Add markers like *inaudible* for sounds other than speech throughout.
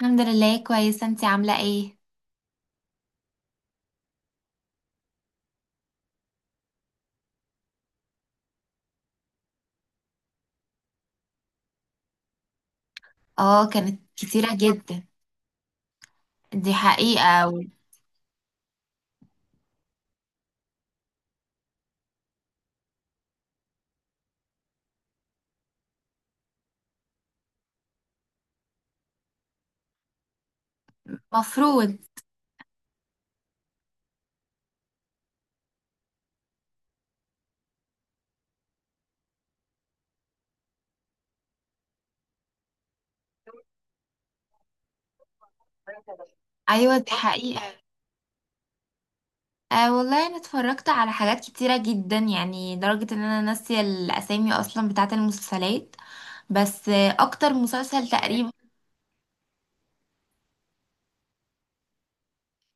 الحمد لله كويسة، انتي عاملة ايه؟ اه، كانت كتيرة جدا. دي حقيقة. مفروض. ايوه، دي حقيقة. والله انا اتفرجت على حاجات كتيرة جدا، يعني لدرجة ان انا ناسية الاسامي اصلا بتاعة المسلسلات. بس اكتر مسلسل تقريبا.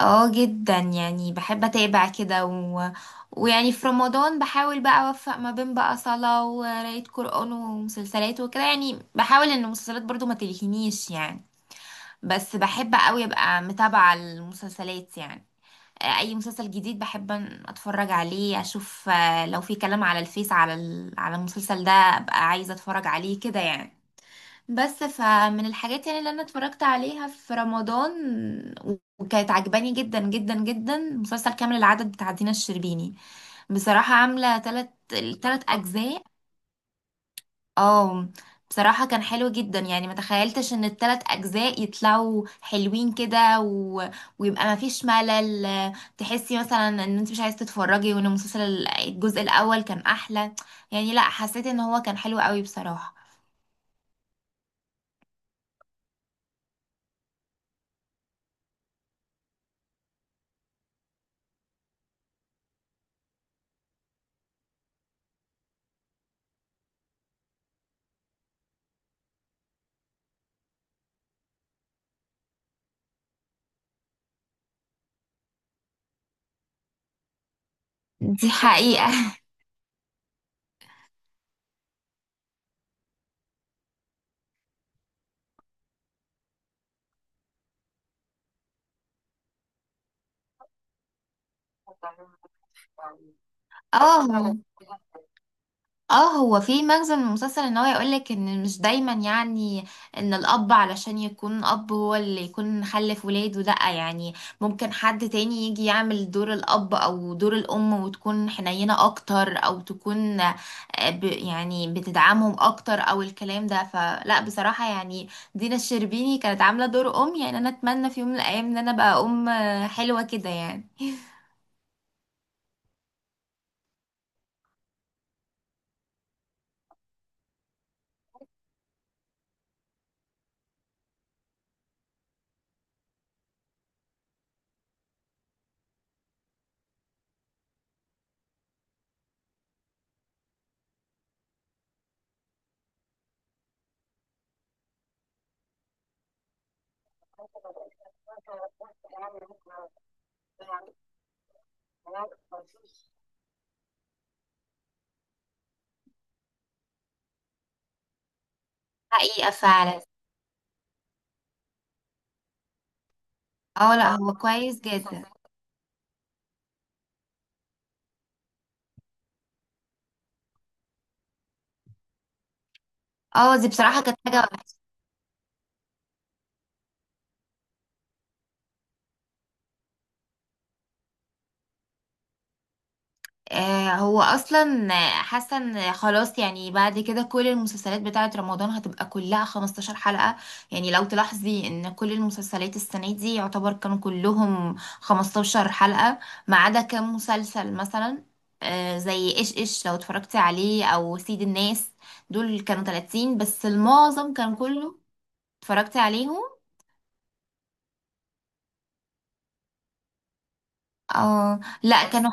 اه جدا، يعني بحب اتابع كده ويعني في رمضان بحاول بقى اوفق ما بين بقى صلاة وقراية قرآن ومسلسلات وكده، يعني بحاول ان المسلسلات برضو ما تلهينيش يعني. بس بحب قوي ابقى متابعة المسلسلات يعني. اي مسلسل جديد بحب ان اتفرج عليه اشوف، لو في كلام على الفيس على المسلسل ده ابقى عايزة اتفرج عليه كده يعني. بس فمن الحاجات يعني اللي انا اتفرجت عليها في رمضان وكانت عجباني جدا جدا جدا مسلسل كامل العدد بتاع دينا الشربيني. بصراحة عاملة التلت أجزاء. اه. بصراحة كان حلو جدا، يعني ما تخيلتش ان التلات اجزاء يطلعوا حلوين كده ويبقى ما فيش ملل. تحسي مثلا ان انت مش عايز تتفرجي، وان المسلسل الجزء الاول كان احلى. يعني لا، حسيت ان هو كان حلو قوي بصراحة. دي حقيقة. *laughs* اه. اه، هو في مغزى من المسلسل ان هو يقولك ان مش دايما يعني ان الاب علشان يكون اب هو اللي يكون خلف ولاده. لأ يعني ممكن حد تاني يجي يعمل دور الاب او دور الام، وتكون حنينة اكتر او تكون، آه، ب يعني بتدعمهم اكتر او الكلام ده. فلا بصراحة يعني دينا الشربيني كانت عاملة دور ام. يعني انا اتمنى في يوم من الايام ان انا ابقى ام حلوة كده يعني. حقيقة فعلا. اه لا، هو كويس جدا. اه، دي بصراحة كانت حاجة. هو اصلا حاسه ان خلاص، يعني بعد كده كل المسلسلات بتاعه رمضان هتبقى كلها 15 حلقه. يعني لو تلاحظي ان كل المسلسلات السنه دي يعتبر كانوا كلهم 15 حلقه، ما عدا كام مسلسل مثلا، زي ايش ايش لو اتفرجتي عليه او سيد الناس. دول كانوا 30، بس المعظم كان كله. اتفرجتي عليهم؟ اه لا، كانوا.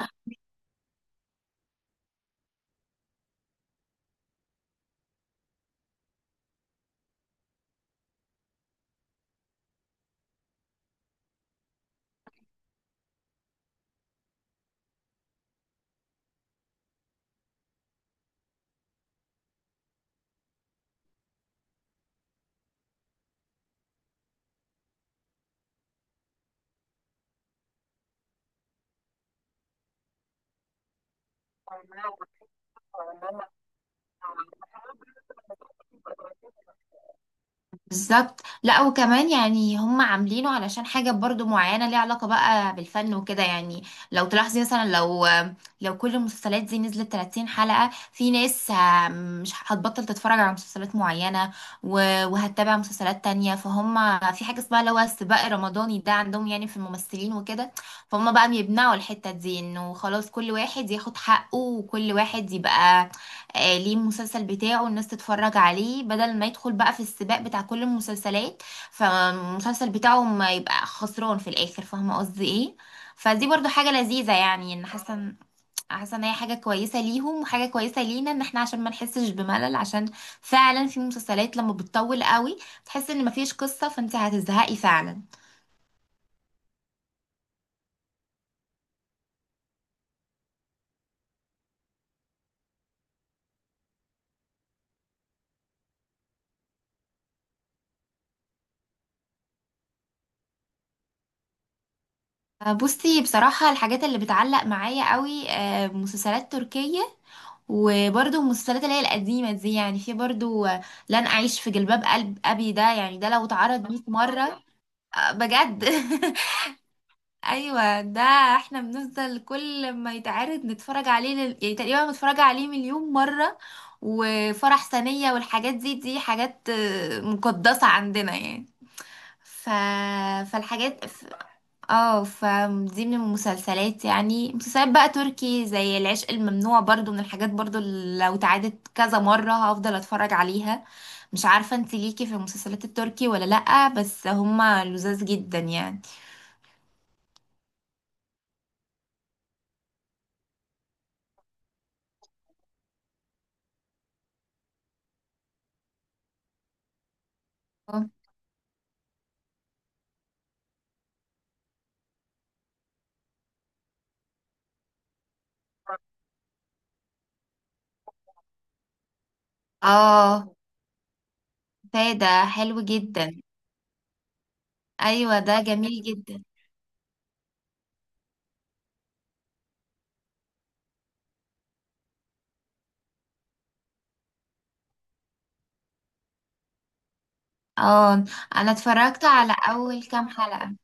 بالظبط. لا، وكمان يعني هم عاملينه علشان حاجة برضو معينة ليها علاقة بقى بالفن وكده. يعني لو تلاحظي مثلا، لو كل المسلسلات دي نزلت 30 حلقة، في ناس مش هتبطل تتفرج على مسلسلات معينة، وهتتابع مسلسلات تانية. فهم في حاجة اسمها اللي هو السباق الرمضاني ده عندهم، يعني في الممثلين وكده. فهم بقى بيمنعوا الحتة دي انه خلاص كل واحد ياخد حقه وكل واحد يبقى ليه المسلسل بتاعه الناس تتفرج عليه، بدل ما يدخل بقى في السباق بتاع كل المسلسلات، فالمسلسل بتاعه ما يبقى خسران في الاخر. فاهمه قصدي ايه؟ فدي برضو حاجه لذيذه، يعني ان حاسه ان هي حاجه كويسه ليهم وحاجه كويسه لينا، ان احنا عشان ما نحسش بملل، عشان فعلا في مسلسلات لما بتطول قوي بتحس ان مفيش قصه فانت هتزهقي فعلا. بصي بصراحة، الحاجات اللي بتعلق معايا قوي مسلسلات تركية، وبرضو المسلسلات اللي هي القديمة دي، يعني في برضو لن أعيش في جلباب قلب أبي. ده يعني ده لو اتعرض 100 مرة، بجد *laughs* أيوة ده. احنا بنفضل كل ما يتعرض نتفرج عليه يعني تقريبا متفرجة عليه مليون مرة. وفرح ثانية والحاجات دي حاجات مقدسة عندنا يعني. ف... فالحاجات. اه، فدي من المسلسلات، يعني مسلسلات بقى تركي زي العشق الممنوع، برضو من الحاجات برضو اللي لو اتعادت كذا مرة هفضل اتفرج عليها. مش عارفة انت ليكي في المسلسلات التركي ولا لأ، بس هما لذاذ جدا يعني. اه فايدة، حلو جدا. ايوه، ده جميل جدا. اه، انا اتفرجت على اول كام حلقة.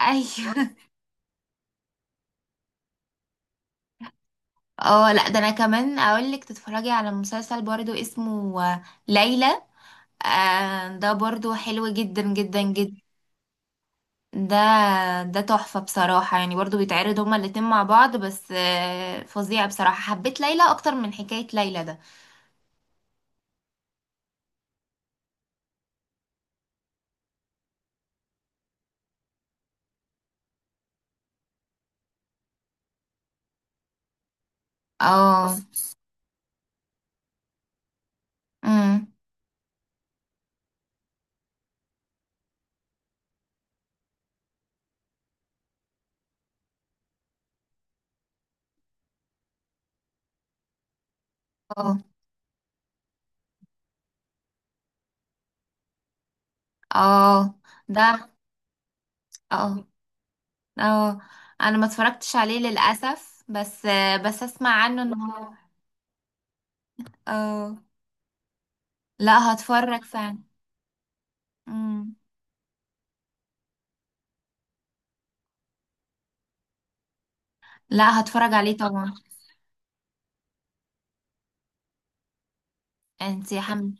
ايوه *laughs* اه لا، ده انا كمان اقولك تتفرجي على مسلسل برضو اسمه ليلى. آه، ده برضو حلو جدا جدا جدا. ده ده تحفة بصراحة، يعني برضو بيتعرض هما الاتنين مع بعض، بس آه فظيع بصراحة. حبيت ليلى أكتر من حكاية ليلى ده. اه. امم. اه. اه ده. اه. اه، أنا ما اتفرجتش عليه للأسف، بس بس أسمع عنه إن هو. اه لا، هتفرج فعلا. امم. لا، هتفرج عليه طبعا. انتي يا حمد.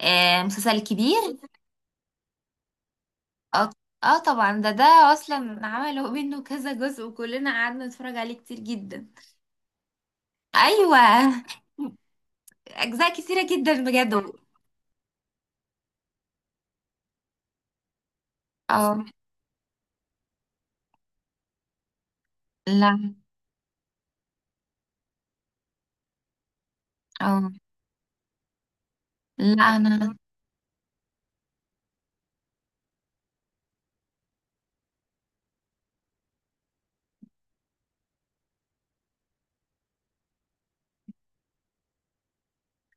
آه، مسلسل كبير. اه. اه طبعا، ده اصلا عملوا منه كذا جزء، وكلنا قعدنا نتفرج عليه كتير جدا. ايوه. اجزاء كتيره جدا بجد. اه لا. اه. لا انا.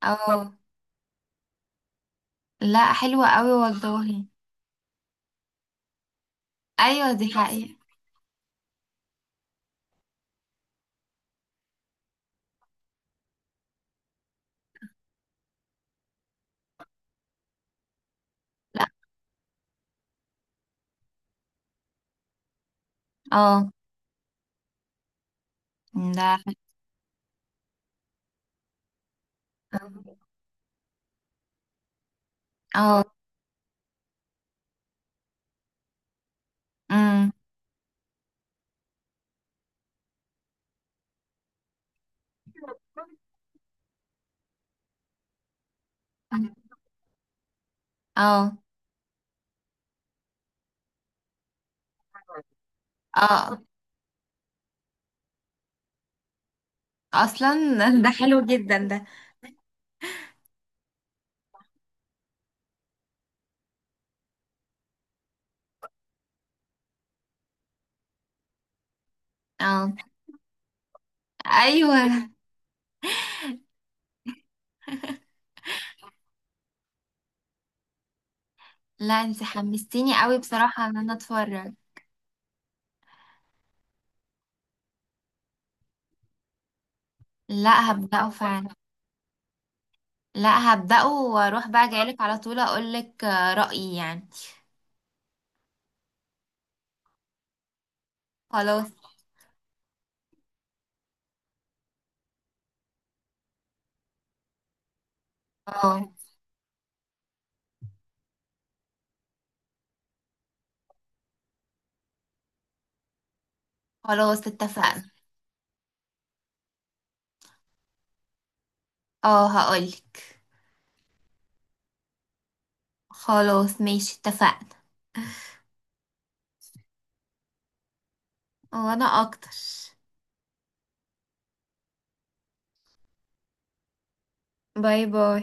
اه. لا، حلوه قوي والله. ايوه، دي حقيقه. لا. اه ده. اه. امم. اه. اه اصلا. ده حلو جدا ده. اه. ايوه. لا، انت حمستيني قوي بصراحه ان انا اتفرج. لا، هبدأه فعلا. لا، هبدأه واروح بقى جايلك على طول اقولك رأيي يعني. خلاص. اه. خلاص اتفقنا. اه هقولك. خلاص ماشي اتفقنا. وانا اكتر. باي باي.